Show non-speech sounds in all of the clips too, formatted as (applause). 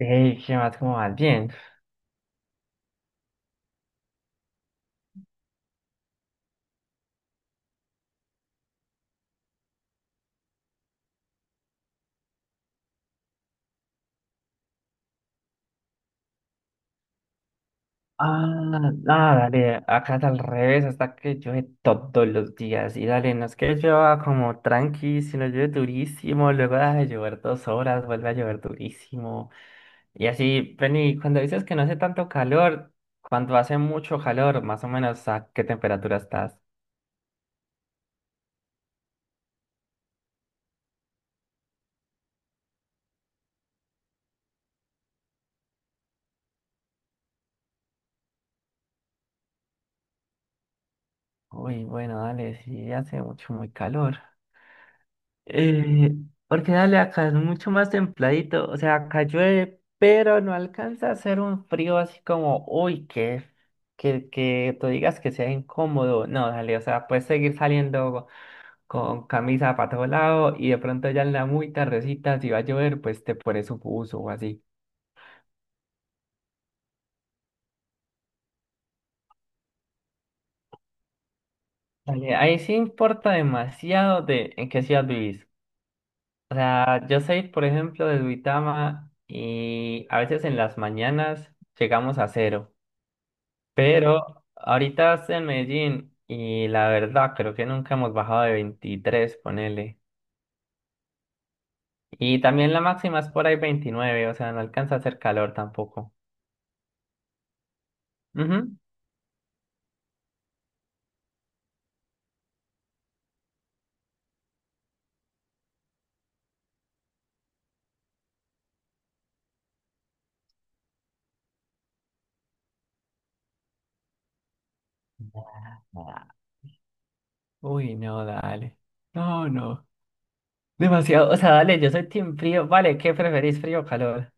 Hey, ¿qué más? ¿Cómo vas? Bien. Ah, ah, dale, acá es al revés, hasta que llueve todos los días. Y dale, no es que llueva como tranqui, sino llueve durísimo, luego deja de llover 2 horas, vuelve a llover durísimo. Y así, Penny, cuando dices que no hace tanto calor, cuando hace mucho calor, más o menos, ¿a qué temperatura estás? Uy, bueno, dale, sí hace mucho, muy calor. Eh, porque dale, acá es mucho más templadito, o sea, acá llueve, pero no alcanza a hacer un frío así como, uy, que tú digas que sea incómodo, no, dale, o sea, puedes seguir saliendo con camisa para todo lado y de pronto ya en la muy tardecita, si va a llover, pues te pones un buzo o así. Dale, ahí sí importa demasiado de en qué ciudad vivís. O sea, yo soy, por ejemplo, de Duitama y a veces en las mañanas llegamos a 0. Pero ahorita estoy en Medellín y la verdad creo que nunca hemos bajado de 23 ponele. Y también la máxima es por ahí 29, o sea, no alcanza a hacer calor tampoco. Ujú. Ah, uy, no, dale. No, no. Demasiado. O sea, dale, yo soy team frío. Vale, ¿qué preferís, frío o calor?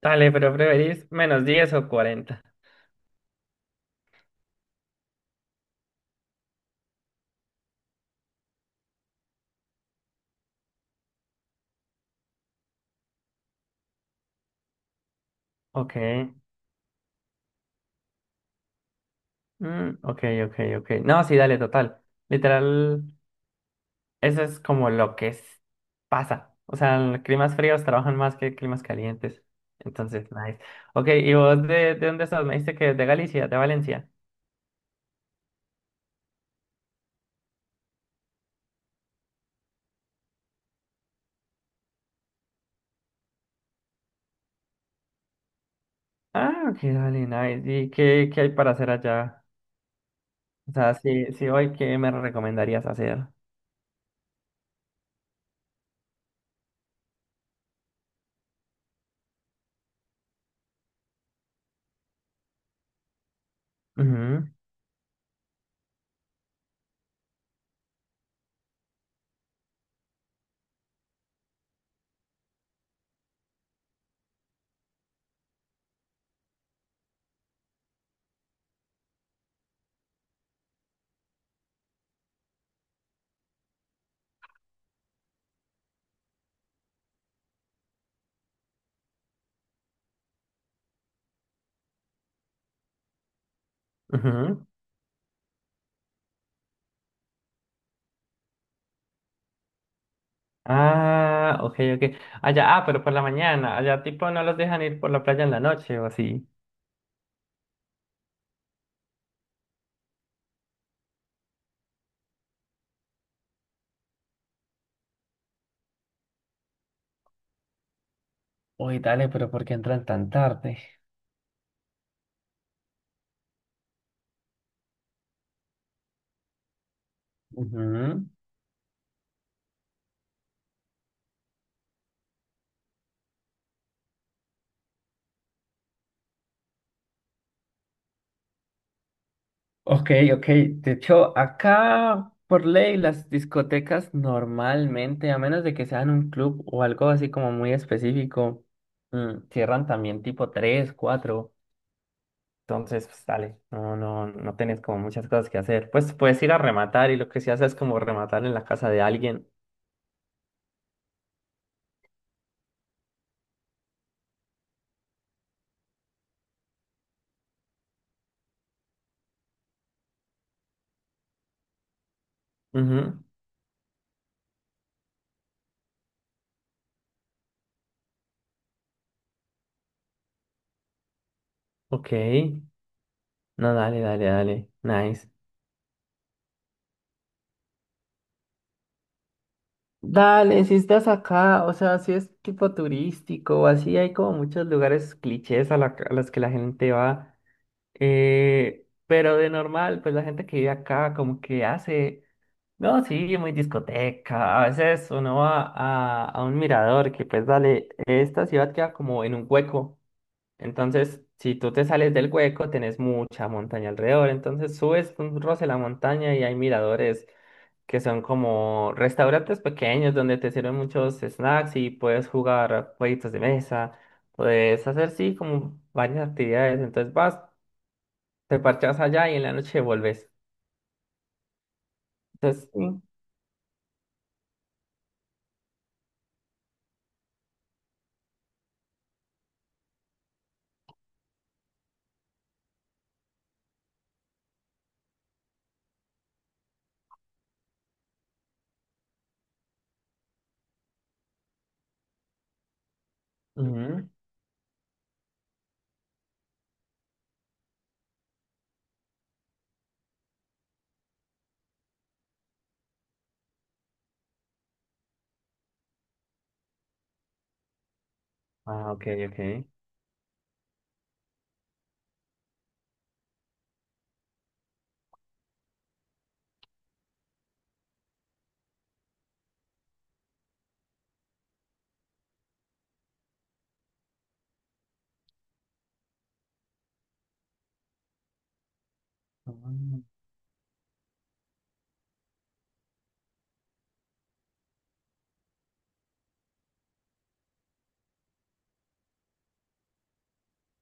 Dale, pero ¿preferís -10 o 40? Ok. Mm, ok, ok, ok. No, sí, dale, total. Literal. Eso es como lo que es- pasa. O sea, en climas fríos trabajan más que climas calientes. Entonces, nice. Ok, ¿y vos de dónde estás? Me dijiste que de Galicia, de Valencia. Ah, ok, dale, nice. ¿Y qué, qué hay para hacer allá? O sea, si hoy, ¿qué me recomendarías hacer? Ujú, ujú. Ah, ok, ok. Allá, ah, pero por la mañana. Allá, tipo, no los dejan ir por la playa en la noche o así. Uy, dale, pero ¿por qué entran tan tarde? Ujú. Ok, ok. De hecho, acá por ley las discotecas normalmente, a menos de que sean un club o algo así como muy específico, cierran también tipo 3, 4. Entonces, pues dale, no, no, no tenés como muchas cosas que hacer. Pues puedes ir a rematar y lo que se hace es como rematar en la casa de alguien. Ujú. Ok. No, dale, dale, dale. Nice. Dale, si estás acá, o sea, si es tipo turístico o así, hay como muchos lugares clichés, a los que la gente va. Pero de normal, pues la gente que vive acá como que hace, no, sí, muy discoteca. A veces uno va a un mirador que, pues dale, esta ciudad queda como en un hueco. Entonces, si tú te sales del hueco, tenés mucha montaña alrededor. Entonces subes un roce la montaña y hay miradores que son como restaurantes pequeños donde te sirven muchos snacks y puedes jugar jueguitos de mesa, puedes hacer sí como varias actividades, entonces vas, te parchas allá y en la noche vuelves. Entonces, sí. Ujú. Ah, ok, ok. Ah.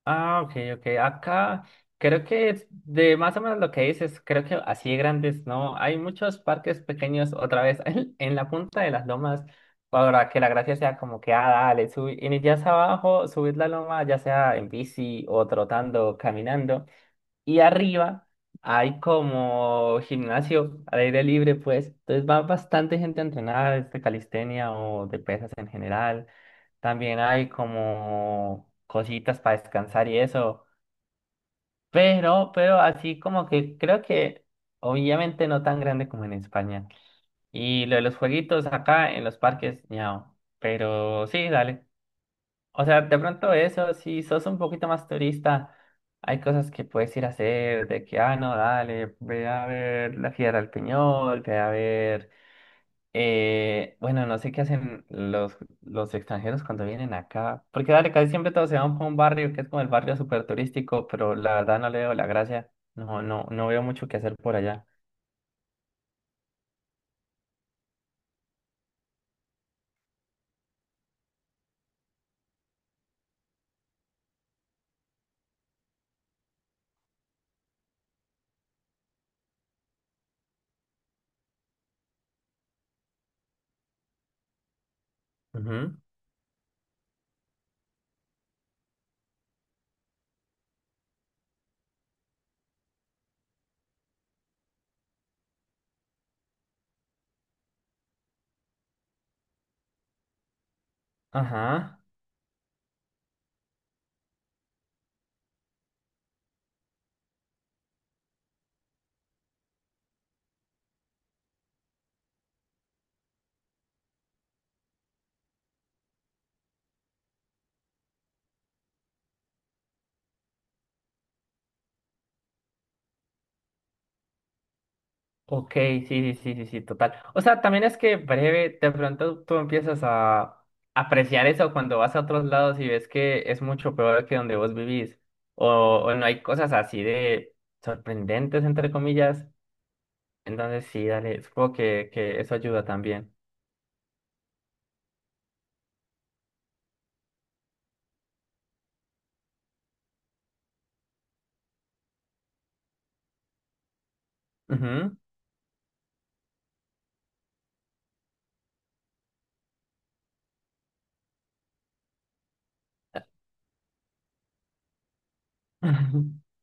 Ah, ok, ok. Acá creo que es de más o menos lo que dices, creo que así de grandes, ¿no? Hay muchos parques pequeños otra vez (laughs) en la punta de las lomas para que la gracia sea como que, ah, dale, subir, inicias abajo, subir la loma, ya sea en bici o trotando, caminando. Y arriba hay como gimnasio al aire libre, pues. Entonces va bastante gente a entrenar, de calistenia o de pesas en general. También hay como cositas para descansar y eso. Pero así como que creo que obviamente no tan grande como en España. Y lo de los jueguitos acá en los parques, ñao. Pero sí, dale. O sea, de pronto eso, si sos un poquito más turista, hay cosas que puedes ir a hacer, de que, ah, no, dale, ve a ver la Fiera del Peñol, ve a ver, bueno, no sé qué hacen los extranjeros cuando vienen acá, porque dale, casi siempre todos se van para un barrio que es como el barrio súper turístico, pero la verdad no le veo la gracia, no, no, no veo mucho que hacer por allá. Ujú. Ajá, ok, sí, sí, sí, sí, sí, total. O sea, también es que breve, de pronto tú empiezas a apreciar eso cuando vas a otros lados y ves que es mucho peor que donde vos vivís, o, o no hay cosas así de sorprendentes, entre comillas. Entonces sí, dale, supongo que eso ayuda también. Ujú. (laughs)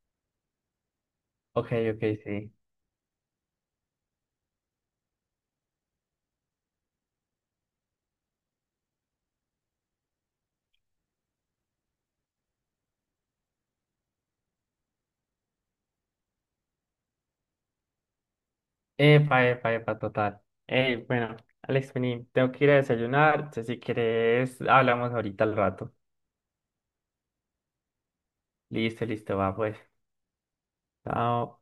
Ok, ok, sí. Epa, epa, epa, total. Ey, bueno, Alex, vení, tengo que ir a desayunar. Entonces, si quieres, hablamos ahorita al rato. Listo, listo, va, pues. Chao.